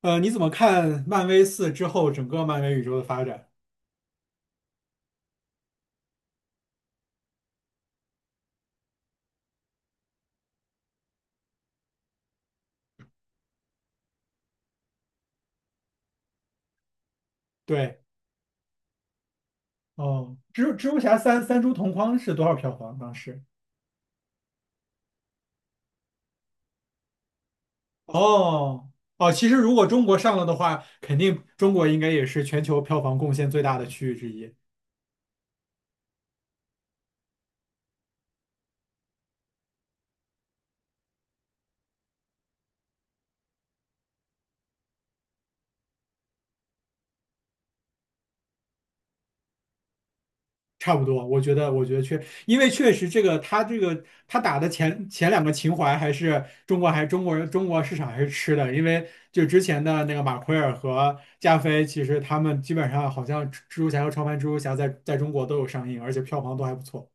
你怎么看漫威四之后整个漫威宇宙的发展？对。哦，蜘蛛侠三，三株同框是多少票房当时？哦哦，其实如果中国上了的话，肯定中国应该也是全球票房贡献最大的区域之一。差不多，我觉得。我觉得确，因为确实这个他打的前两个情怀还是中国人中国市场还是吃的，因为就之前的那个马奎尔和加菲，其实他们基本上好像蜘蛛侠和超凡蜘蛛侠在中国都有上映，而且票房都还不错。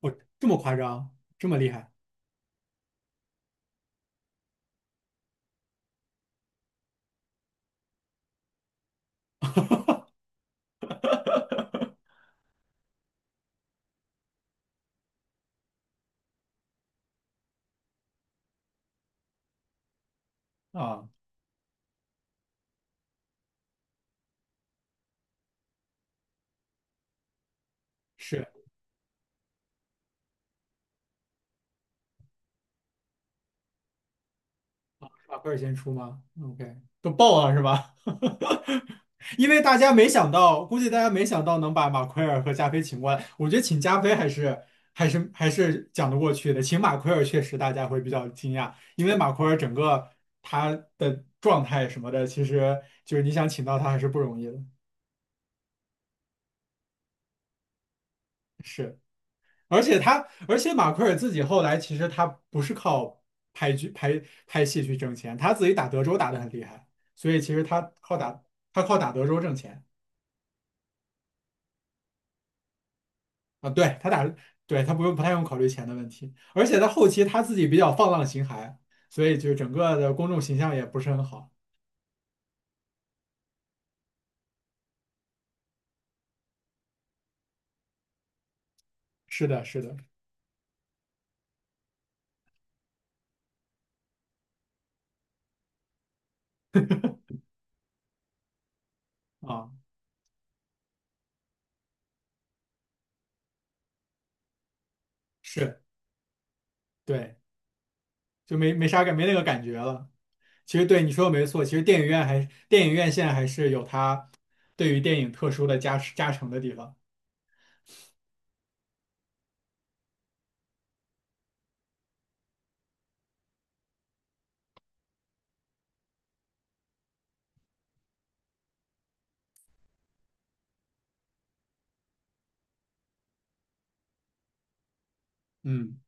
我这么夸张，这么厉害。 啊？是。马奎尔先出吗？OK,都爆了是吧？因为大家没想到，估计大家没想到能把马奎尔和加菲请过来。我觉得请加菲还是讲得过去的，请马奎尔确实大家会比较惊讶，因为马奎尔整个他的状态什么的，其实就是你想请到他还是不容易的。是。而且马奎尔自己后来其实他不是靠拍剧拍拍戏去挣钱，他自己打德州打得很厉害，所以其实他靠打德州挣钱。啊，对他打对他不太用考虑钱的问题，而且他后期他自己比较放浪形骸，所以就整个的公众形象也不是很好。是的，是的，啊，是，对，就没那个感觉了。其实对你说的没错。其实电影院现在还是有它对于电影特殊的加持加成的地方。嗯，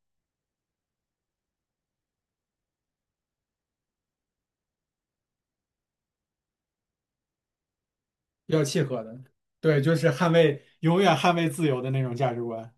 比较契合的。对，就是永远捍卫自由的那种价值观。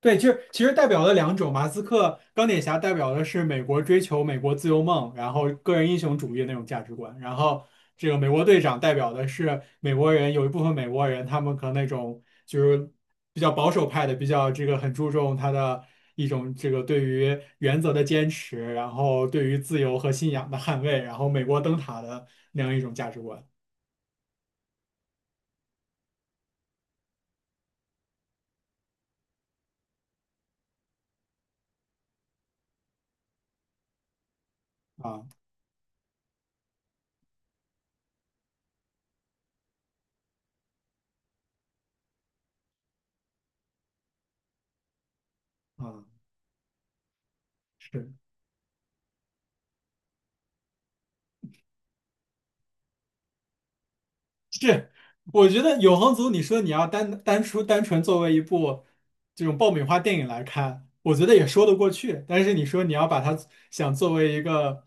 对，就是其实代表了两种，马斯克、钢铁侠代表的是美国追求美国自由梦，然后个人英雄主义那种价值观，然后这个美国队长代表的是美国人，有一部分美国人他们可能那种就是比较保守派的，比较这个很注重他的一种这个对于原则的坚持，然后对于自由和信仰的捍卫，然后美国灯塔的那样一种价值观啊啊。是是，我觉得《永恒族》，你说你要单纯作为一部这种爆米花电影来看，我觉得也说得过去。但是你说你要把它想作为一个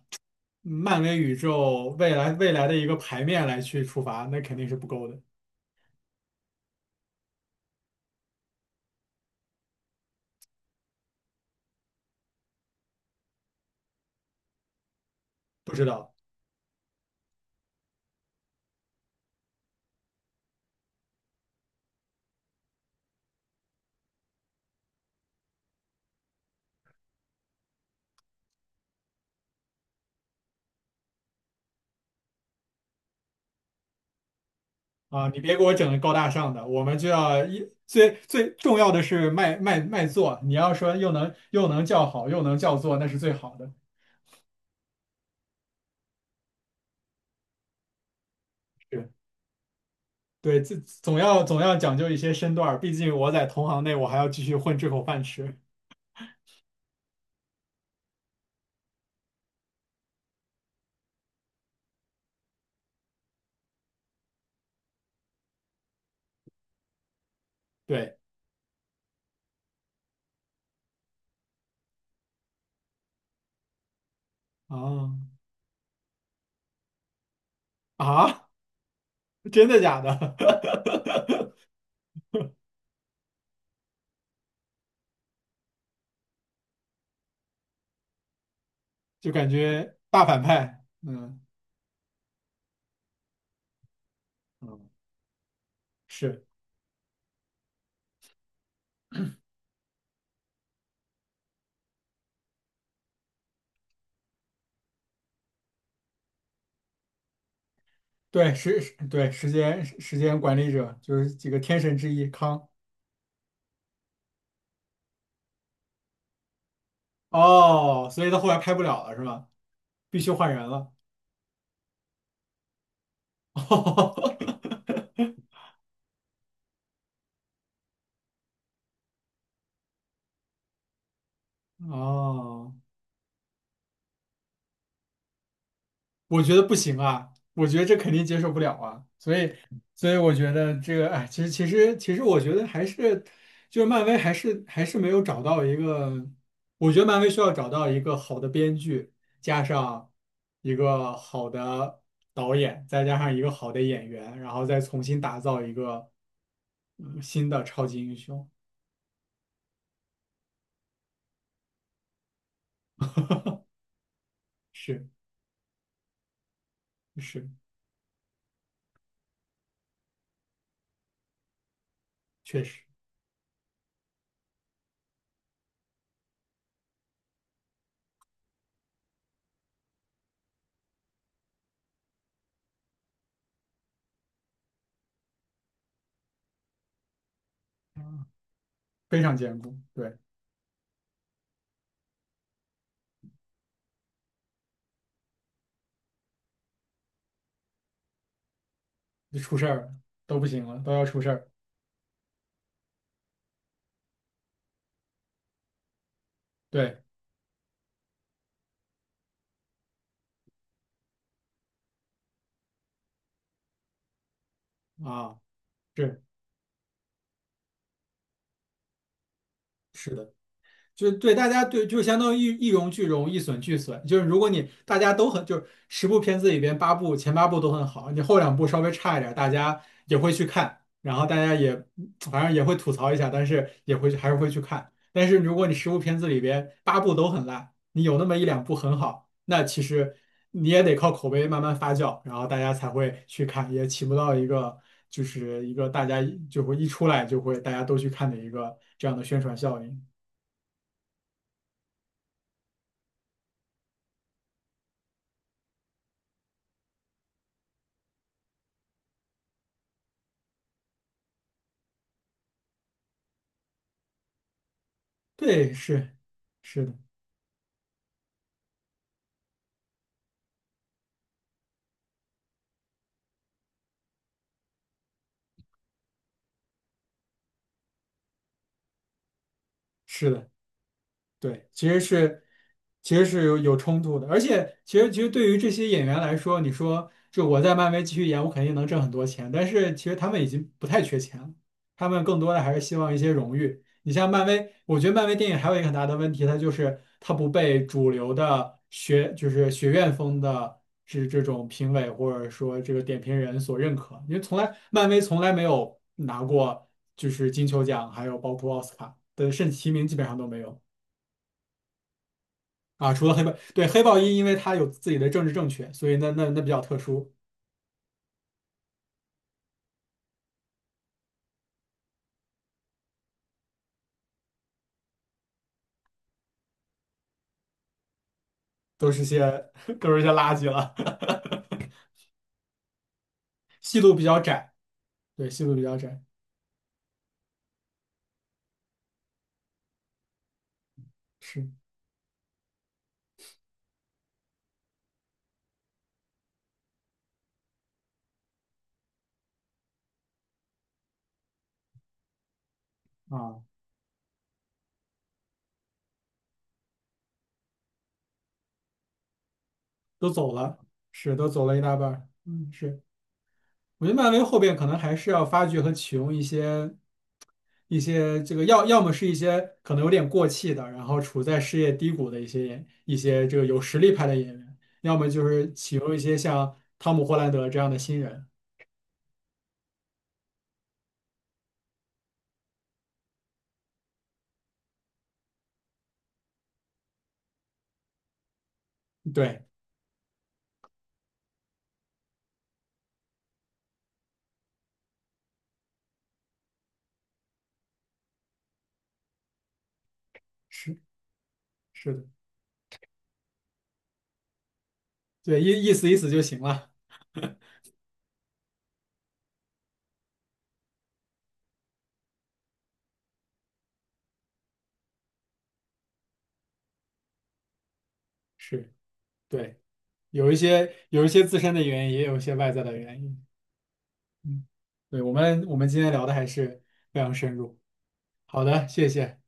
漫威宇宙未来的一个牌面来去出发，那肯定是不够的。不知道啊，你别给我整的高大上的，我们就要最重要的是卖座。你要说又能叫好又能叫座，那是最好的。是，对，这总要总要讲究一些身段儿，毕竟我在同行内，我还要继续混这口饭吃。对，啊啊。真的假的？就感觉大反派。嗯嗯，是，对，对，时间管理者就是几个天神之一康。哦，所以他后来拍不了了是吧？必须换人了。哦。我觉得不行啊，我觉得这肯定接受不了啊，所以，我觉得这个，哎，其实其实其实，我觉得还是，就是漫威还是没有找到一个，我觉得漫威需要找到一个好的编剧，加上一个好的导演，再加上一个好的演员，然后再重新打造一个，新的超级英雄。是是，确实非常艰苦。对，就出事儿了，都不行了，都要出事儿，对啊。是。是的，就是对大家对，就相当于一荣俱荣，一损俱损。就是如果你大家都很，就是十部片子里边前八部都很好，你后两部稍微差一点大家也会去看，然后大家也反正也会吐槽一下，但是还是会去看。但是如果你十部片子里边八部都很烂，你有那么一两部很好，那其实你也得靠口碑慢慢发酵，然后大家才会去看，也起不到一个就是一个大家就会一出来就会大家都去看的一个这样的宣传效应。对，是是的，是的，对，其实是有冲突的，而且其实对于这些演员来说，你说就我在漫威继续演，我肯定能挣很多钱，但是其实他们已经不太缺钱了，他们更多的还是希望一些荣誉。你像漫威，我觉得漫威电影还有一个很大的问题，它就是它不被主流的就是学院风的是这种评委或者说这个点评人所认可，因为漫威从来没有拿过就是金球奖，还有包括奥斯卡的甚至提名基本上都没有。啊，除了黑豹，对，黑豹一，因为它有自己的政治正确，所以那比较特殊，都是些 都是些垃圾了。戏路比较窄，对，戏路比较窄，是啊，都走了，是都走了一大半儿，嗯，是，我觉得漫威后边可能还是要发掘和启用一些这个要么是一些可能有点过气的，然后处在事业低谷的一些这个有实力派的演员，要么就是启用一些像汤姆·霍兰德这样的新人。对，是是的。对，意思意思就行了。是，对，有一些自身的原因，也有一些外在的原因。嗯，对，我们今天聊的还是非常深入。好的，谢谢。